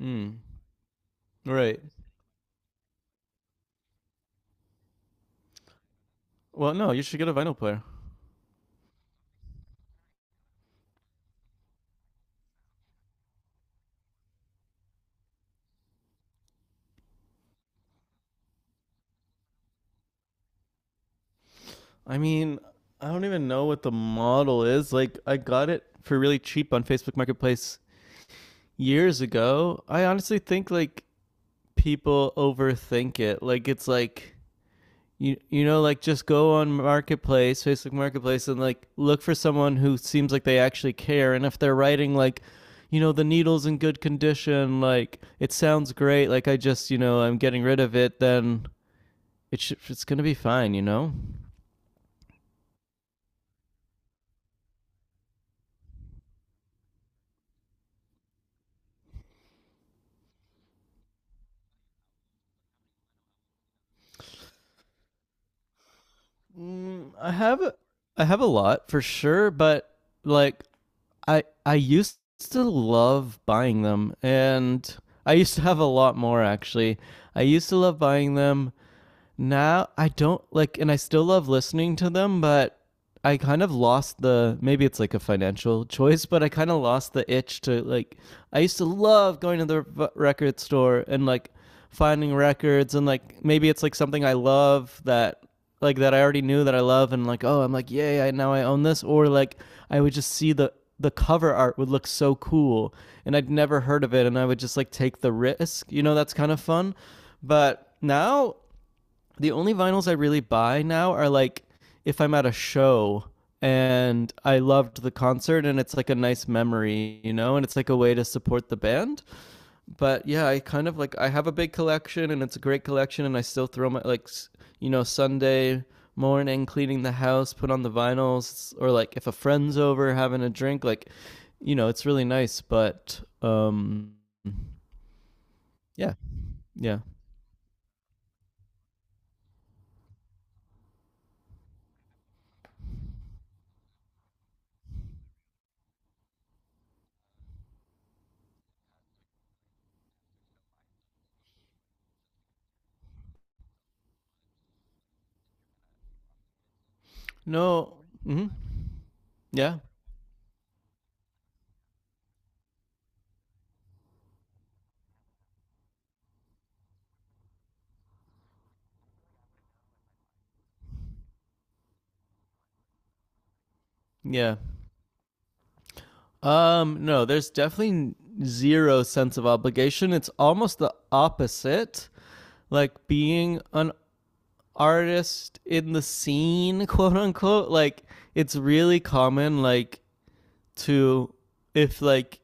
Mm, right. Well, no, you should get a vinyl player. I mean, I don't even know what the model is. Like, I got it for really cheap on Facebook Marketplace years ago. I honestly think like people overthink it. Like, it's like like just go on Marketplace, Facebook Marketplace, and like look for someone who seems like they actually care. And if they're writing like the needle's in good condition like it sounds great like I just I'm getting rid of it then it's gonna be fine. Mm, I have a lot for sure, but like I used to love buying them, and I used to have a lot more actually. I used to love buying them, now I don't like, and I still love listening to them, but I kind of lost the maybe it's like a financial choice, but I kind of lost the itch to like. I used to love going to the record store and like finding records, and like maybe it's like something I love that like that I already knew that I love, and like oh I'm like yay I now I own this, or like I would just see the cover art would look so cool, and I'd never heard of it, and I would just like take the risk, that's kind of fun, but now the only vinyls I really buy now are like if I'm at a show and I loved the concert and it's like a nice memory, and it's like a way to support the band. But yeah, I kind of like I have a big collection and it's a great collection and I still throw my like Sunday morning cleaning the house, put on the vinyls or like if a friend's over having a drink like it's really nice, but yeah, yeah. No. Mhm. Yeah. Yeah. No, there's definitely zero sense of obligation. It's almost the opposite. Like being an artist in the scene, quote unquote, like it's really common like to if like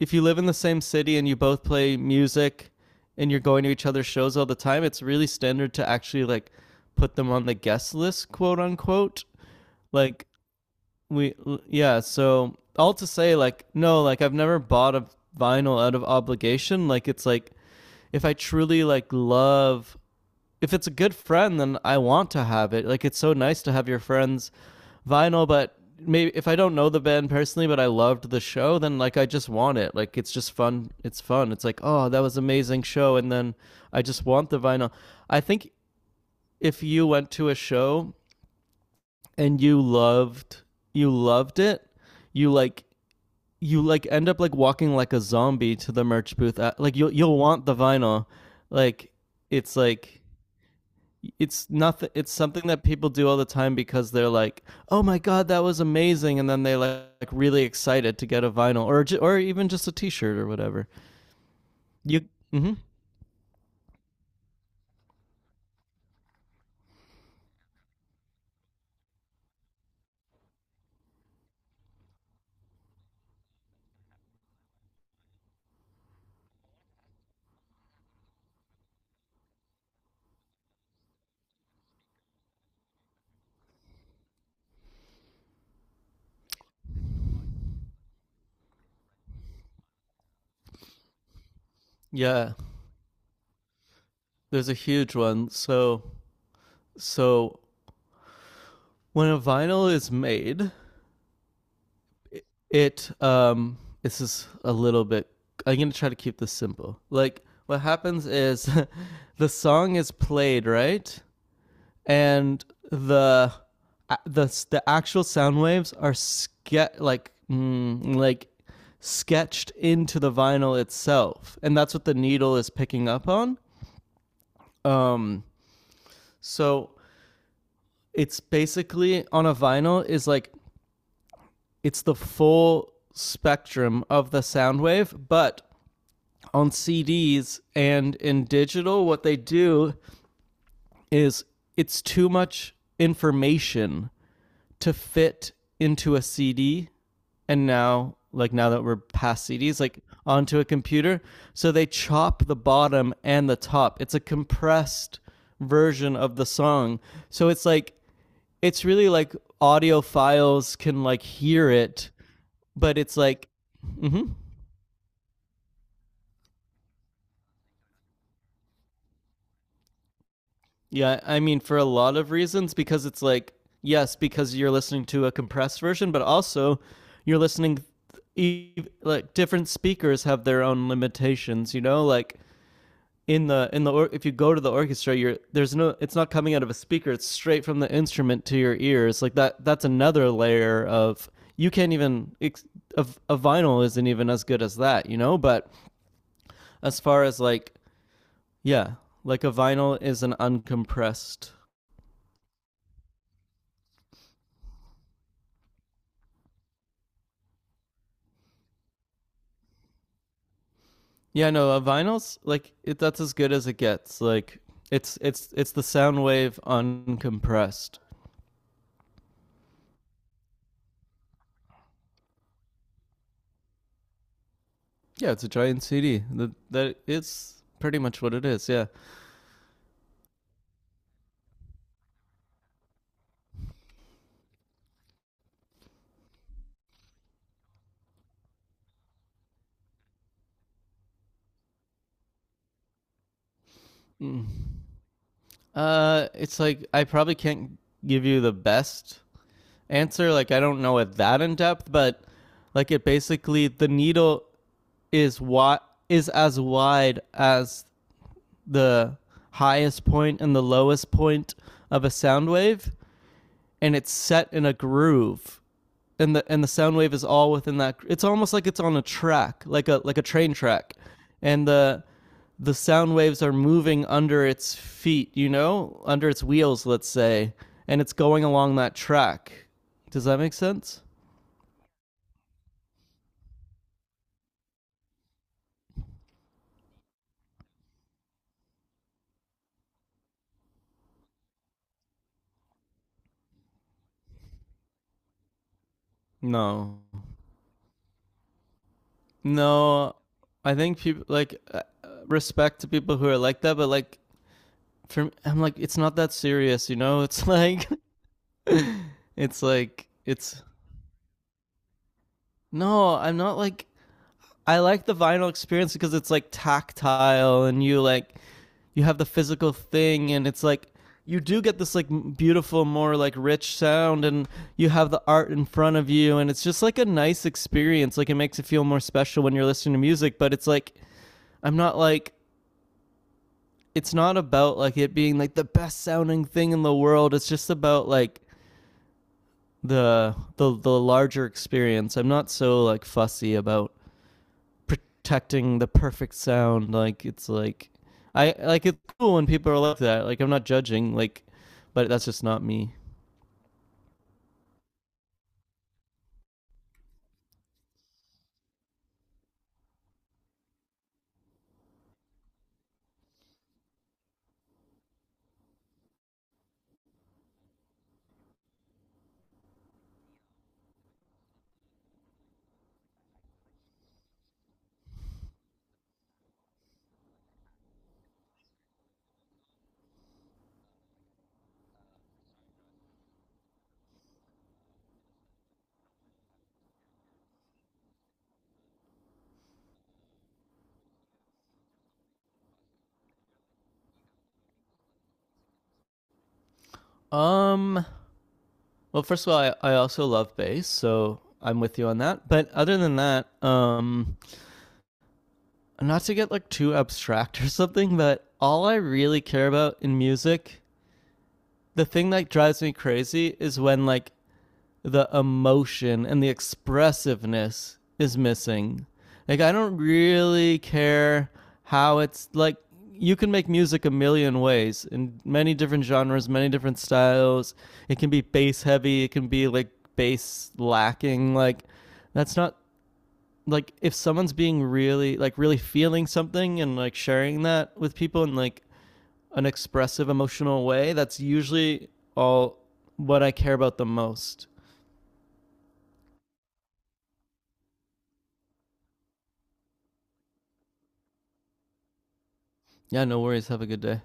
if you live in the same city and you both play music and you're going to each other's shows all the time, it's really standard to actually like put them on the guest list, quote unquote. Like we yeah so all to say like no like I've never bought a vinyl out of obligation like it's like if I truly like love if it's a good friend then I want to have it like it's so nice to have your friends vinyl but maybe if I don't know the band personally but I loved the show then like I just want it like it's just fun it's like oh that was an amazing show and then I just want the vinyl I think if you went to a show and you loved it you like you like end up like walking like a zombie to the merch booth. At, like you'll want the vinyl. Like like it's nothing. It's something that people do all the time because they're like, "Oh my god, that was amazing!" and then they like really excited to get a vinyl or even just a T-shirt or whatever. You mm-hmm. Yeah. There's a huge one. So when a vinyl is made it this is a little bit I'm gonna try to keep this simple like what happens is the song is played right and the the the actual sound waves are like sketched into the vinyl itself and that's what the needle is picking up on um so it's basically on a vinyl is like it's the full spectrum of the sound wave but on CDs and in digital, what they do is it's too much information to fit into a CD. And now, like now that we're past CDs, like onto a computer. So they chop the bottom and the top. It's a compressed version of the song. So it's like, it's really like audiophiles can like hear it, but it's like, mm-hmm. Yeah, I mean, for a lot of reasons, because it's like, yes, because you're listening to a compressed version, but also you're listening, e- like, different speakers have their own limitations, you know? Like, in the if you go to the orchestra you're there's no it's not coming out of a speaker it's straight from the instrument to your ears like that's another layer of you can't even a vinyl isn't even as good as that but as far as like yeah like a vinyl is an uncompressed Yeah, no, vinyls like it, that's as good as it gets. Like it's the sound wave uncompressed. Yeah, it's a giant CD. That it's pretty much what it is. Yeah. Mm. It's like I probably can't give you the best answer. Like I don't know it that in depth, but like it basically the needle is what is as wide as the highest point and the lowest point of a sound wave, and it's set in a groove and the sound wave is all within that. It's almost like it's on a track, like a train track, and the sound waves are moving under its feet, under its wheels, let's say, and it's going along that track. Does that make sense? No, no. I think people like respect to people who are like that, but like for me, I'm like it's not that serious. It's like it's like it's no, I'm not like I like the vinyl experience because it's like tactile and you like you have the physical thing and it's like you do get this like beautiful more like rich sound and you have the art in front of you and it's just like a nice experience like it makes it feel more special when you're listening to music but it's like I'm not like it's not about like it being like the best sounding thing in the world it's just about like the the larger experience. I'm not so like fussy about protecting the perfect sound. Like it's like I like it's cool when people are like that. Like I'm not judging. Like, but that's just not me. Um. Well, first of all, I also love bass, so I'm with you on that. But other than that, not to get like too abstract or something, but all I really care about in music, the thing that drives me crazy is when like the emotion and the expressiveness is missing. Like I don't really care how it's like you can make music a million ways in many different genres, many different styles. It can be bass heavy, it can be like bass lacking. Like that's not like if someone's being really like really feeling something and like sharing that with people in like an expressive emotional way, that's usually all what I care about the most. Yeah, no worries. Have a good day.